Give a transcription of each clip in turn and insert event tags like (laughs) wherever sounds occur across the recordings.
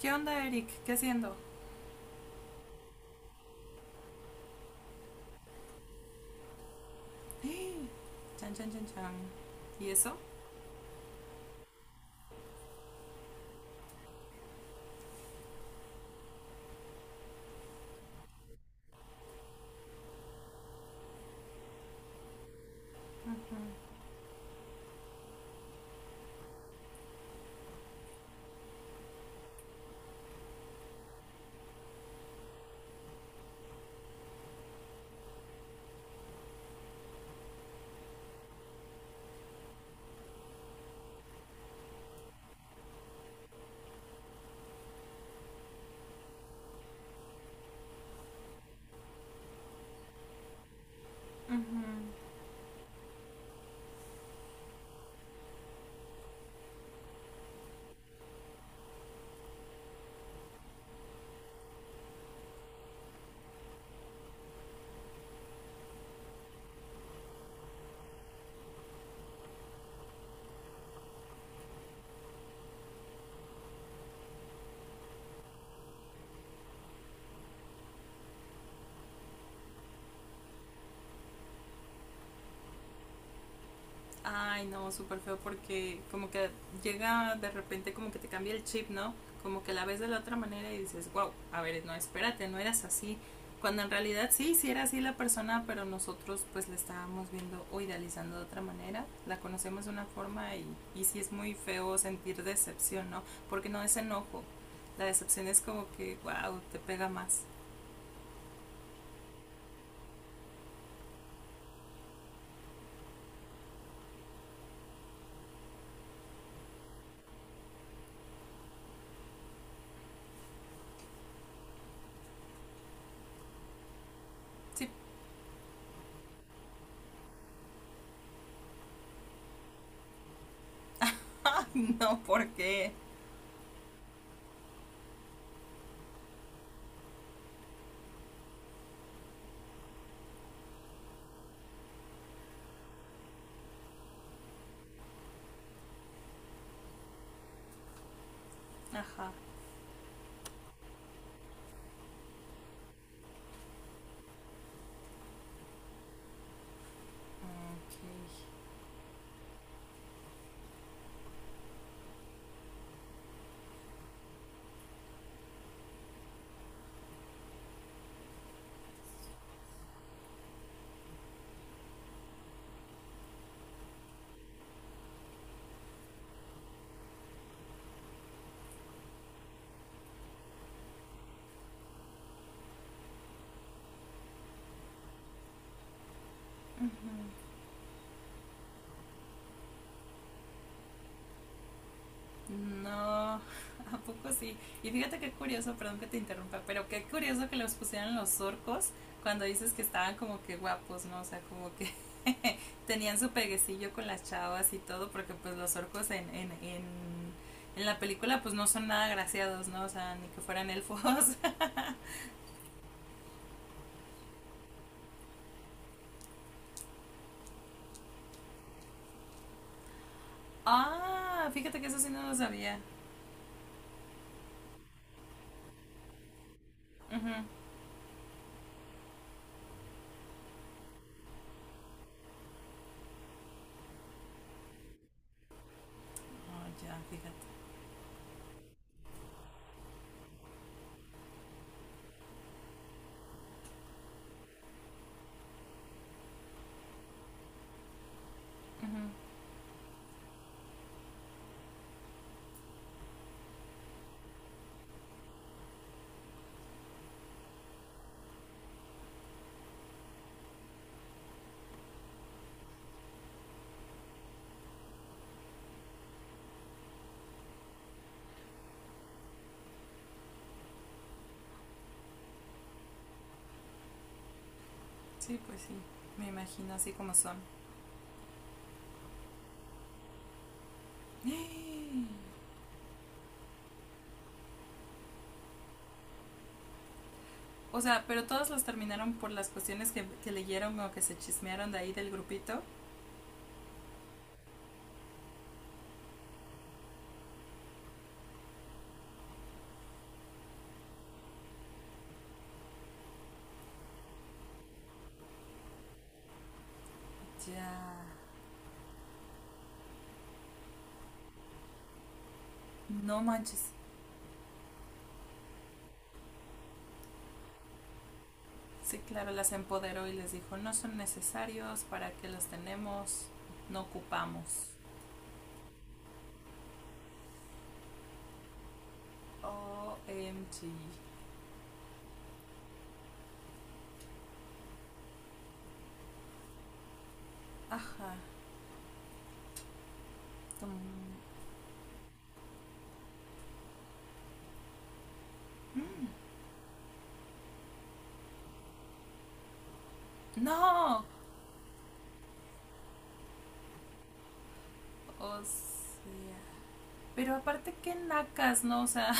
¿Qué onda, Eric? ¿Qué haciendo? (gasps) Chan, chan, chan, chan. ¿Y eso? Uh-huh. Ay, no, súper feo porque como que llega de repente como que te cambia el chip, ¿no? Como que la ves de la otra manera y dices, wow, a ver, no, espérate, no eras así. Cuando en realidad sí, sí era así la persona, pero nosotros pues la estábamos viendo o idealizando de otra manera, la conocemos de una forma y sí es muy feo sentir decepción, ¿no? Porque no es enojo, la decepción es como que, wow, te pega más. Sí, (laughs) no, ¿por qué? Ajá. Ok. Uh-huh. No, (laughs) ¿a poco sí? Y fíjate qué curioso, perdón que te interrumpa, pero qué curioso que los pusieran los orcos cuando dices que estaban como que guapos, ¿no? O sea, como que (laughs) tenían su peguecillo con las chavas y todo, porque pues los orcos en en la película pues no son nada graciados, ¿no? O sea, ni que fueran elfos. (laughs) Ah, fíjate que eso sí no lo sabía. Ujú. Oh, ya, fíjate. Ujú. Sí, pues sí, me imagino así como son. (gasps) O sea, pero todas las terminaron por las cuestiones que leyeron o que se chismearon de ahí del grupito. Ya, no manches. Sí, claro, las empoderó y les dijo, no son necesarios, ¿para que los tenemos? No ocupamos. OMG. M g. Mm. No. O sea. Pero aparte, qué nacas, ¿no? O sea,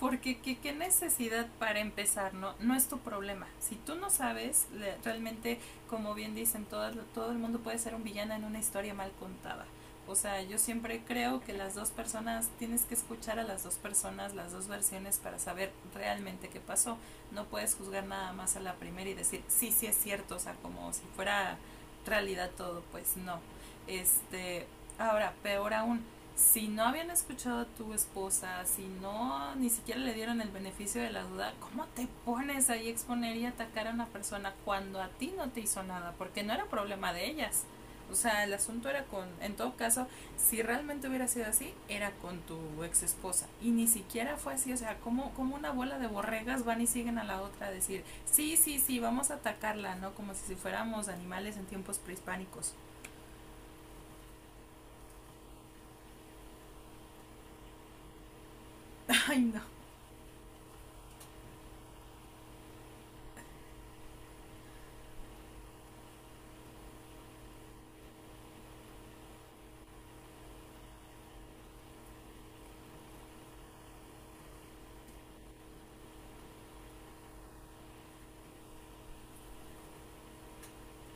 porque qué, qué necesidad para empezar, no, no es tu problema. Si tú no sabes, realmente, como bien dicen, todo el mundo puede ser un villano en una historia mal contada. O sea, yo siempre creo que las dos personas, tienes que escuchar a las dos personas, las dos versiones para saber realmente qué pasó. No puedes juzgar nada más a la primera y decir, sí, sí es cierto, o sea, como si fuera realidad todo, pues no. Este, ahora, peor aún, si no habían escuchado a tu esposa, si no ni siquiera le dieron el beneficio de la duda, ¿cómo te pones ahí a exponer y atacar a una persona cuando a ti no te hizo nada? Porque no era problema de ellas. O sea, el asunto era con, en todo caso, si realmente hubiera sido así, era con tu ex esposa. Y ni siquiera fue así. O sea, como, como una bola de borregas van y siguen a la otra a decir, sí, sí, sí, vamos a atacarla, ¿no? Como si si fuéramos animales en tiempos prehispánicos. Ay, no,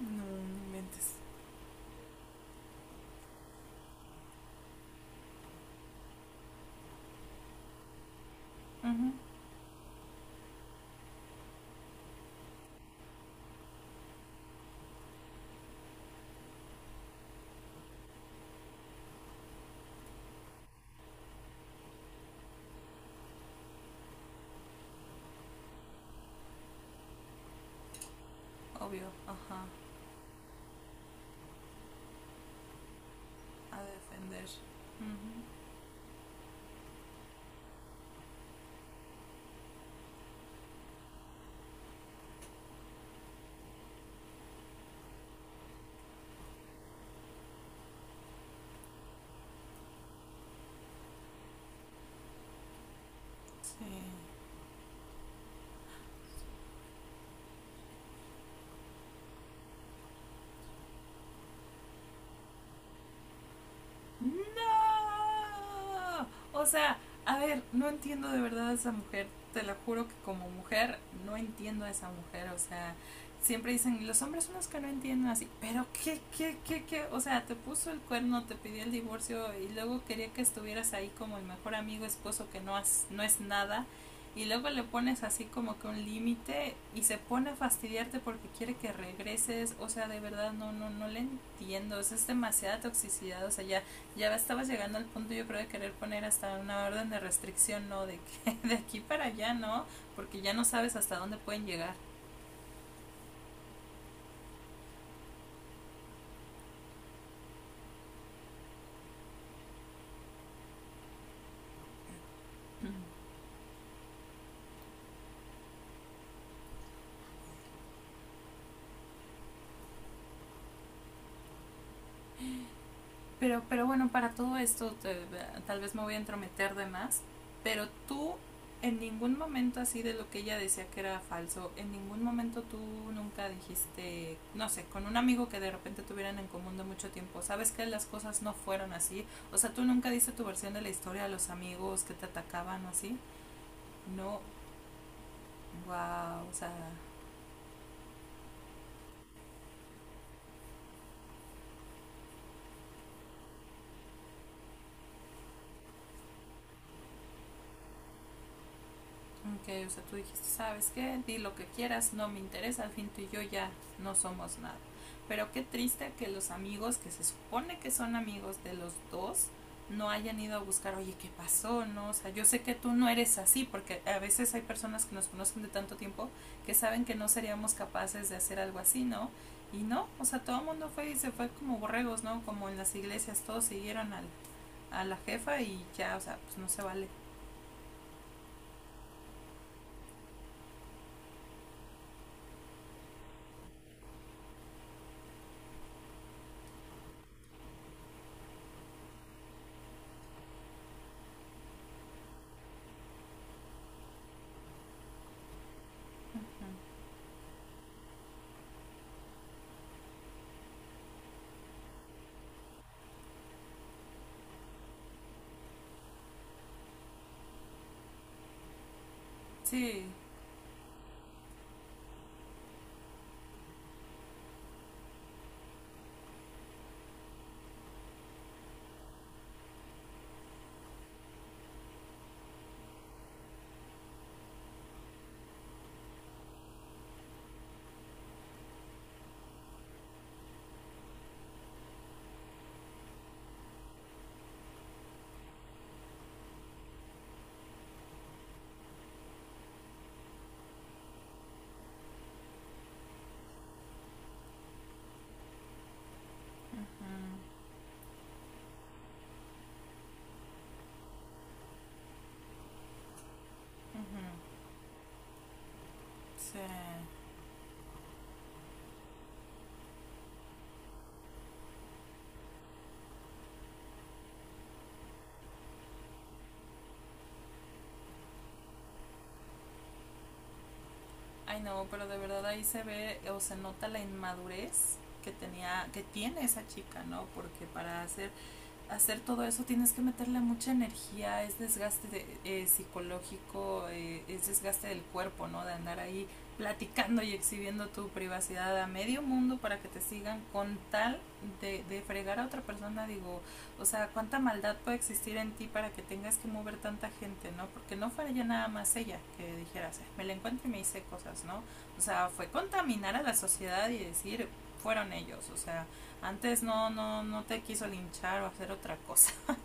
no, no me mentes. Uh -huh. Obvio, ajá, a defender. Ujú. Sí. No. O sea, a ver, no entiendo de verdad a esa mujer. Te lo juro que como mujer no entiendo a esa mujer. O sea, siempre dicen, los hombres son los que no entienden así. Pero qué, qué, qué, qué. O sea, te puso el cuerno, te pidió el divorcio y luego quería que estuvieras ahí como el mejor amigo, esposo que no, has, no es nada. Y luego le pones así como que un límite y se pone a fastidiarte porque quiere que regreses. O sea, de verdad no, no, no le entiendo. O sea, es demasiada toxicidad. O sea, ya estaba llegando al punto yo creo de querer poner hasta una orden de restricción, ¿no? De que (laughs) de aquí para allá, ¿no? Porque ya no sabes hasta dónde pueden llegar. Pero bueno, para todo esto te- tal vez me voy a entrometer de más, pero tú en ningún momento así de lo que ella decía que era falso, en ningún momento tú nunca dijiste, no sé, con un amigo que de repente tuvieran en común de mucho tiempo, sabes que las cosas no fueron así, o sea, tú nunca diste tu versión de la historia a los amigos que te atacaban o así, no, wow, o sea, ok, o sea, tú dijiste, ¿sabes qué? Di lo que quieras, no me interesa, al fin tú y yo ya no somos nada. Pero qué triste que los amigos que se supone que son amigos de los dos no hayan ido a buscar, oye, ¿qué pasó? No, o sea, yo sé que tú no eres así, porque a veces hay personas que nos conocen de tanto tiempo que saben que no seríamos capaces de hacer algo así, ¿no? Y no, o sea, todo el mundo fue y se fue como borregos, ¿no? Como en las iglesias, todos siguieron al, a la jefa y ya, o sea, pues no se vale. Ujú. Sí. Ujú, ujú, sí. Ay, no, pero de verdad ahí se ve o se nota la inmadurez que tenía, que tiene esa chica, ¿no? Porque para hacer todo eso tienes que meterle mucha energía, es desgaste de, psicológico, es desgaste del cuerpo, ¿no? De andar ahí platicando y exhibiendo tu privacidad a medio mundo para que te sigan con tal de fregar a otra persona, digo, o sea, cuánta maldad puede existir en ti para que tengas que mover tanta gente, ¿no? Porque no fue ya nada más ella que dijeras, me la encuentro y me hice cosas, ¿no? O sea, fue contaminar a la sociedad y decir, fueron ellos, o sea, antes no, no, no te quiso linchar o hacer otra cosa. (laughs)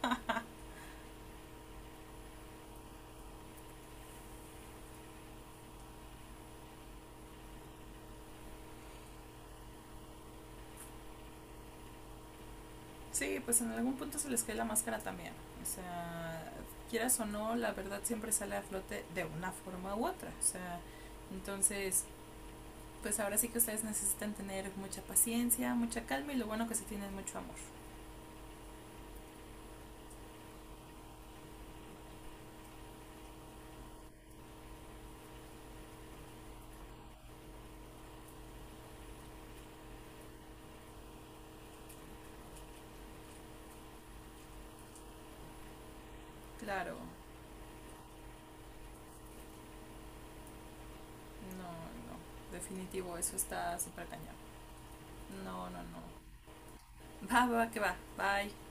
Sí, pues en algún punto se les cae la máscara también. O sea, quieras o no, la verdad siempre sale a flote de una forma u otra. O sea, entonces, pues ahora sí que ustedes necesitan tener mucha paciencia, mucha calma y lo bueno que se tienen mucho amor. Claro, no, no, definitivo, eso está súper cañón. No, no, no. Va, va, que va. Bye.